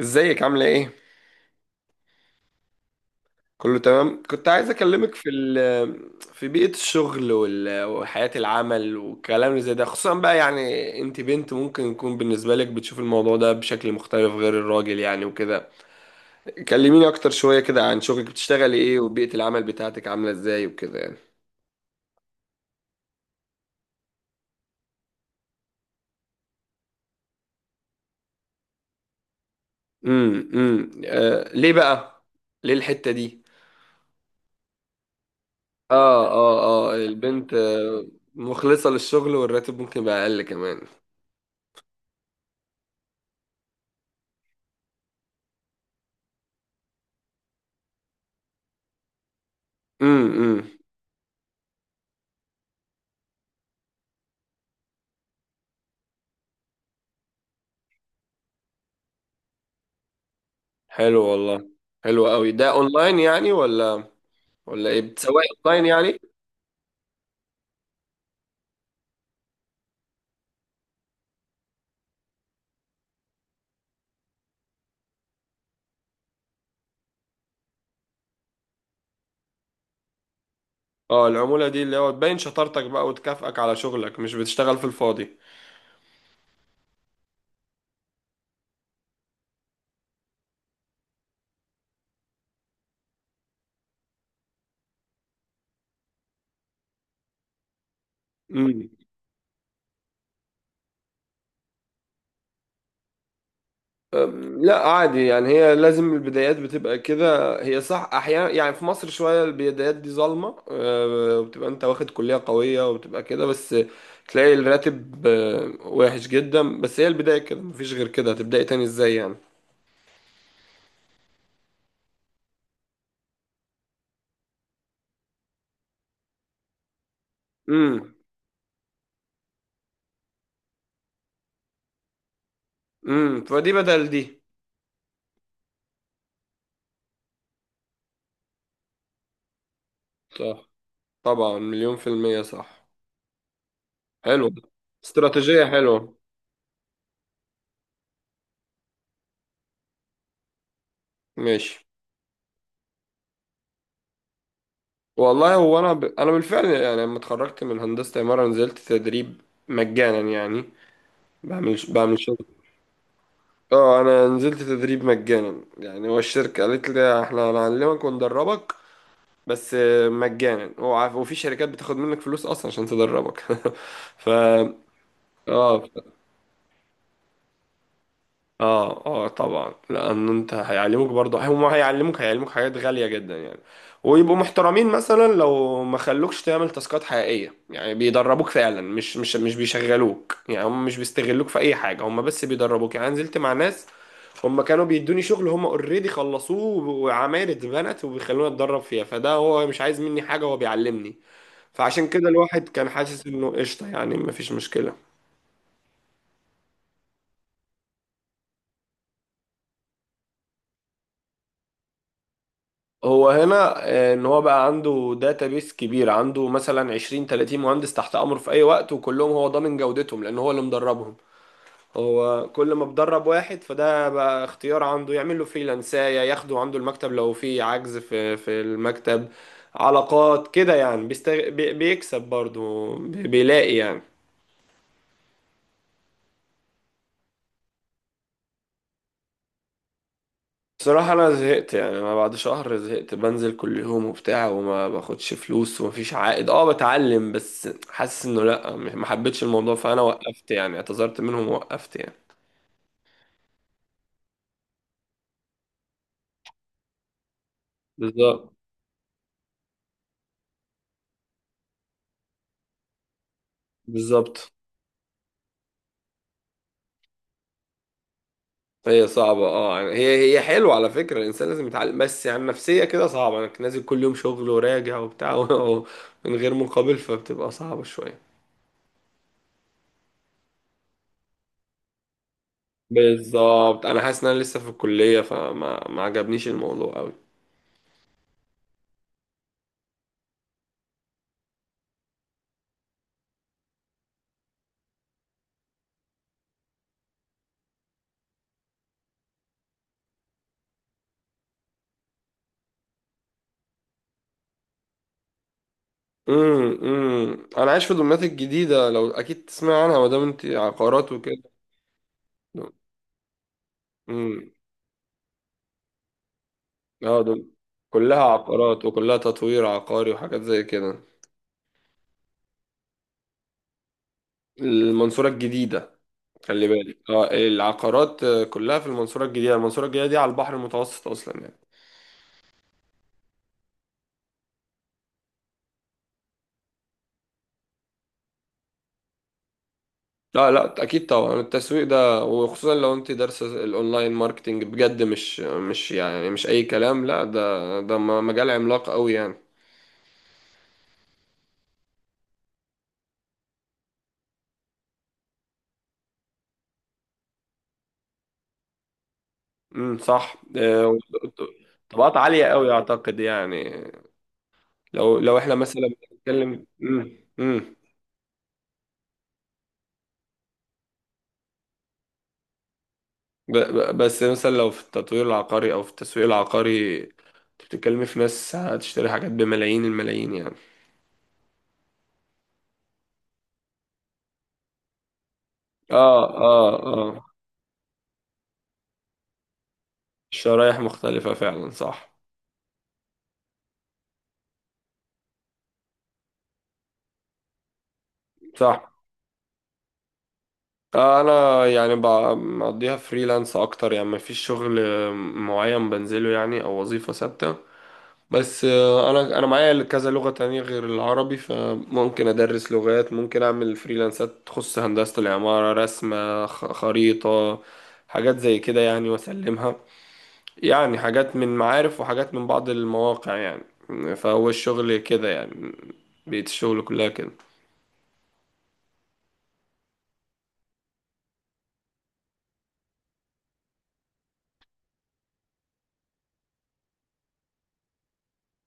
ازيك عاملة ايه؟ كله تمام؟ كنت عايز اكلمك في بيئة الشغل وال- وحياة العمل والكلام اللي زي ده، خصوصا بقى يعني انت بنت، ممكن يكون بالنسبة لك بتشوف الموضوع ده بشكل مختلف غير الراجل يعني وكده. كلميني اكتر شوية كده عن شغلك، بتشتغلي ايه وبيئة العمل بتاعتك عاملة ازاي وكده يعني. آه، ليه بقى؟ ليه الحتة دي؟ اه اه اه، البنت آه، مخلصة للشغل والراتب ممكن يبقى اقل كمان. امم. حلو والله، حلو قوي. ده اونلاين يعني ولا ولا ايه بتسوق؟ اونلاين يعني. اه، العمولة دي اللي هو تبين شطارتك بقى وتكافئك على شغلك، مش بتشتغل في الفاضي. امم. لا عادي يعني، هي لازم البدايات بتبقى كده، هي صح احيانا يعني في مصر شوية البدايات دي ظالمة، أه، وبتبقى انت واخد كلية قوية وبتبقى كده، بس تلاقي الراتب أه، وحش جدا، بس هي البداية كده مفيش غير كده، هتبدأي تاني ازاي يعني. امم فدي بدل دي. طبعا، مليون في المية صح. حلو. استراتيجية حلوة. ماشي. والله هو أنا بالفعل يعني لما اتخرجت من هندسة عمارة نزلت تدريب مجانا يعني، بعمل شغل. اه أنا نزلت تدريب مجانا، يعني هو الشركة قالت لي احنا هنعلمك وندربك بس مجانا. هو عارف، وفي شركات بتاخد منك فلوس أصلا عشان تدربك ف اه اه اه طبعا، لان انت هيعلموك برضه، هم هيعلموك حاجات غالية جدا يعني. ويبقوا محترمين مثلا لو ما خلوكش تعمل تاسكات حقيقية، يعني بيدربوك فعلا، مش بيشغلوك يعني، هم مش بيستغلوك في اي حاجة، هم بس بيدربوك يعني. أنا نزلت مع ناس هم كانوا بيدوني شغل هم اوريدي خلصوه وعماير اتبنت وبيخلوني اتدرب فيها، فده هو مش عايز مني حاجة، هو بيعلمني. فعشان كده الواحد كان حاسس انه قشطة يعني، مفيش مشكلة. هو هنا آه، ان هو بقى عنده داتابيس كبير، عنده مثلا 20 30 مهندس تحت امره في اي وقت، وكلهم هو ضامن جودتهم لان هو اللي مدربهم. هو كل ما بدرب واحد فده بقى اختيار عنده يعمل له فريلانسايه، ياخده عنده المكتب لو في عجز في في المكتب، علاقات كده يعني. بيكسب برضه، بيلاقي يعني. بصراحة أنا زهقت يعني، أنا بعد شهر زهقت. بنزل كل يوم وبتاع وما باخدش فلوس ومفيش عائد، أه بتعلم بس حاسس إنه لأ، ما حبيتش الموضوع، فأنا وقفت يعني، اعتذرت منهم ووقفت يعني. بالظبط. بالظبط. هي صعبة أه يعني، هي حلوة على فكرة، الإنسان لازم يتعلم، بس يعني نفسية كده صعبة أنك نازل كل يوم شغل وراجع وبتاع من غير مقابل، فبتبقى صعبة شوية. بالظبط، أنا حاسس إن أنا لسه في الكلية، ما عجبنيش الموضوع أوي. انا عايش في دمياط الجديده، لو اكيد تسمع عنها ما دام انت عقارات وكده. امم. اه كلها عقارات وكلها تطوير عقاري وحاجات زي كده. المنصوره الجديده. خلي بالك اه العقارات آه، كلها في المنصوره الجديده، المنصوره الجديده دي على البحر المتوسط اصلا يعني. لا لا، اكيد طبعا التسويق ده، وخصوصا لو انت دارسه الاونلاين ماركتينج بجد، مش يعني مش اي كلام، لا ده مجال عملاق قوي يعني. صح آه، طبقات عالية قوي اعتقد يعني. لو لو احنا مثلا بنتكلم. بس مثلا لو في التطوير العقاري او في التسويق العقاري، انت بتتكلمي في ناس هتشتري حاجات بملايين الملايين يعني. اه اه اه، الشرايح مختلفة فعلا صح. صح آه، انا يعني مقضيها فريلانس اكتر يعني، مفيش شغل معين بنزله يعني او وظيفة ثابتة، بس آه، انا معايا كذا لغة تانية غير العربي، فممكن ادرس لغات، ممكن اعمل فريلانسات تخص هندسة العمارة، رسمة خريطة، حاجات زي كده يعني واسلمها يعني، حاجات من معارف وحاجات من بعض المواقع يعني. فهو الشغل كده يعني، بيت الشغل كلها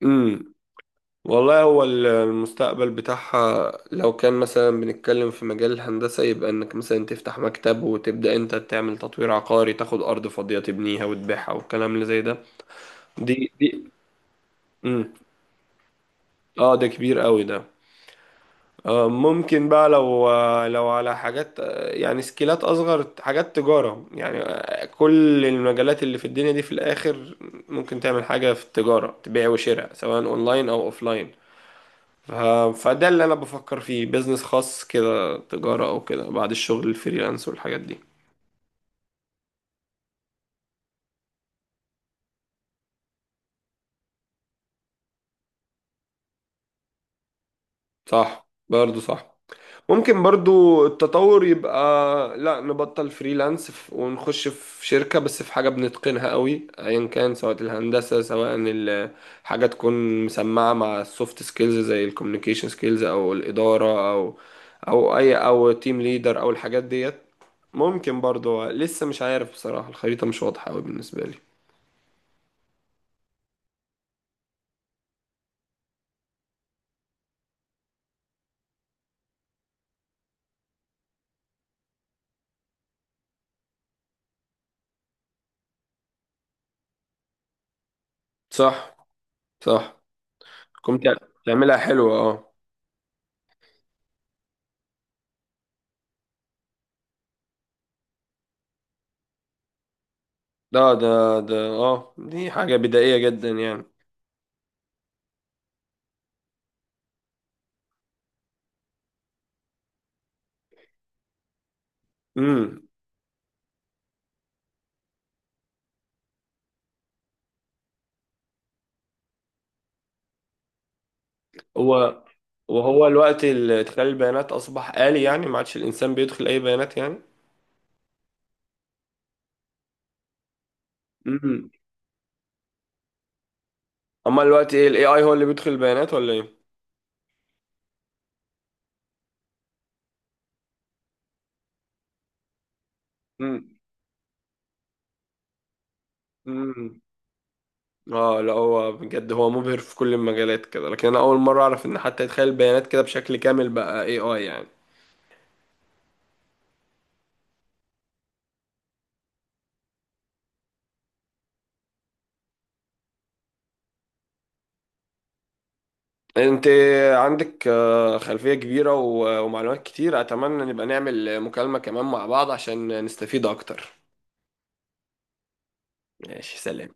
كده. والله هو المستقبل بتاعها لو كان مثلا بنتكلم في مجال الهندسة، يبقى انك مثلا تفتح مكتب وتبدأ انت تعمل تطوير عقاري، تاخد ارض فاضية تبنيها وتبيعها والكلام اللي زي ده. دي. امم. اه ده كبير قوي ده. آه ممكن بقى لو لو على حاجات آه، يعني سكيلات اصغر، حاجات تجارة يعني آه، كل المجالات اللي في الدنيا دي في الاخر. ممكن تعمل حاجة في التجارة، تبيع وشراء سواء اونلاين او اوفلاين آه، فده اللي انا بفكر فيه، بيزنس خاص كده تجارة او كده بعد الشغل الفريلانس والحاجات دي. صح برضو صح. ممكن برضو التطور يبقى لا نبطل فريلانس ونخش في شركة، بس في حاجة بنتقنها قوي ايا كان، سواء الهندسة سواء حاجة تكون مسمعة مع السوفت سكيلز زي الكوميونيكيشن سكيلز او الإدارة او او اي او تيم ليدر او الحاجات ديت. ممكن برضو لسه مش عارف بصراحة، الخريطة مش واضحة قوي بالنسبة لي. صح صح. كنت تعملها حلوة اه. ده اه دي حاجة بدائية جدا يعني. امم. هو وهو الوقت اللي ادخال البيانات اصبح آلي يعني، ما عادش الانسان بيدخل اي بيانات يعني. امم. اما الوقت ايه الاي اي هو اللي بيدخل البيانات ولا ايه؟ امم. امم. اه لا هو بجد هو مبهر في كل المجالات كده، لكن انا اول مرة اعرف ان حتى ادخال البيانات كده بشكل كامل بقى اي اي يعني. انت عندك آه، خلفية كبيرة ومعلومات كتير، اتمنى نبقى نعمل مكالمة كمان مع بعض عشان نستفيد اكتر. ماشي سلام.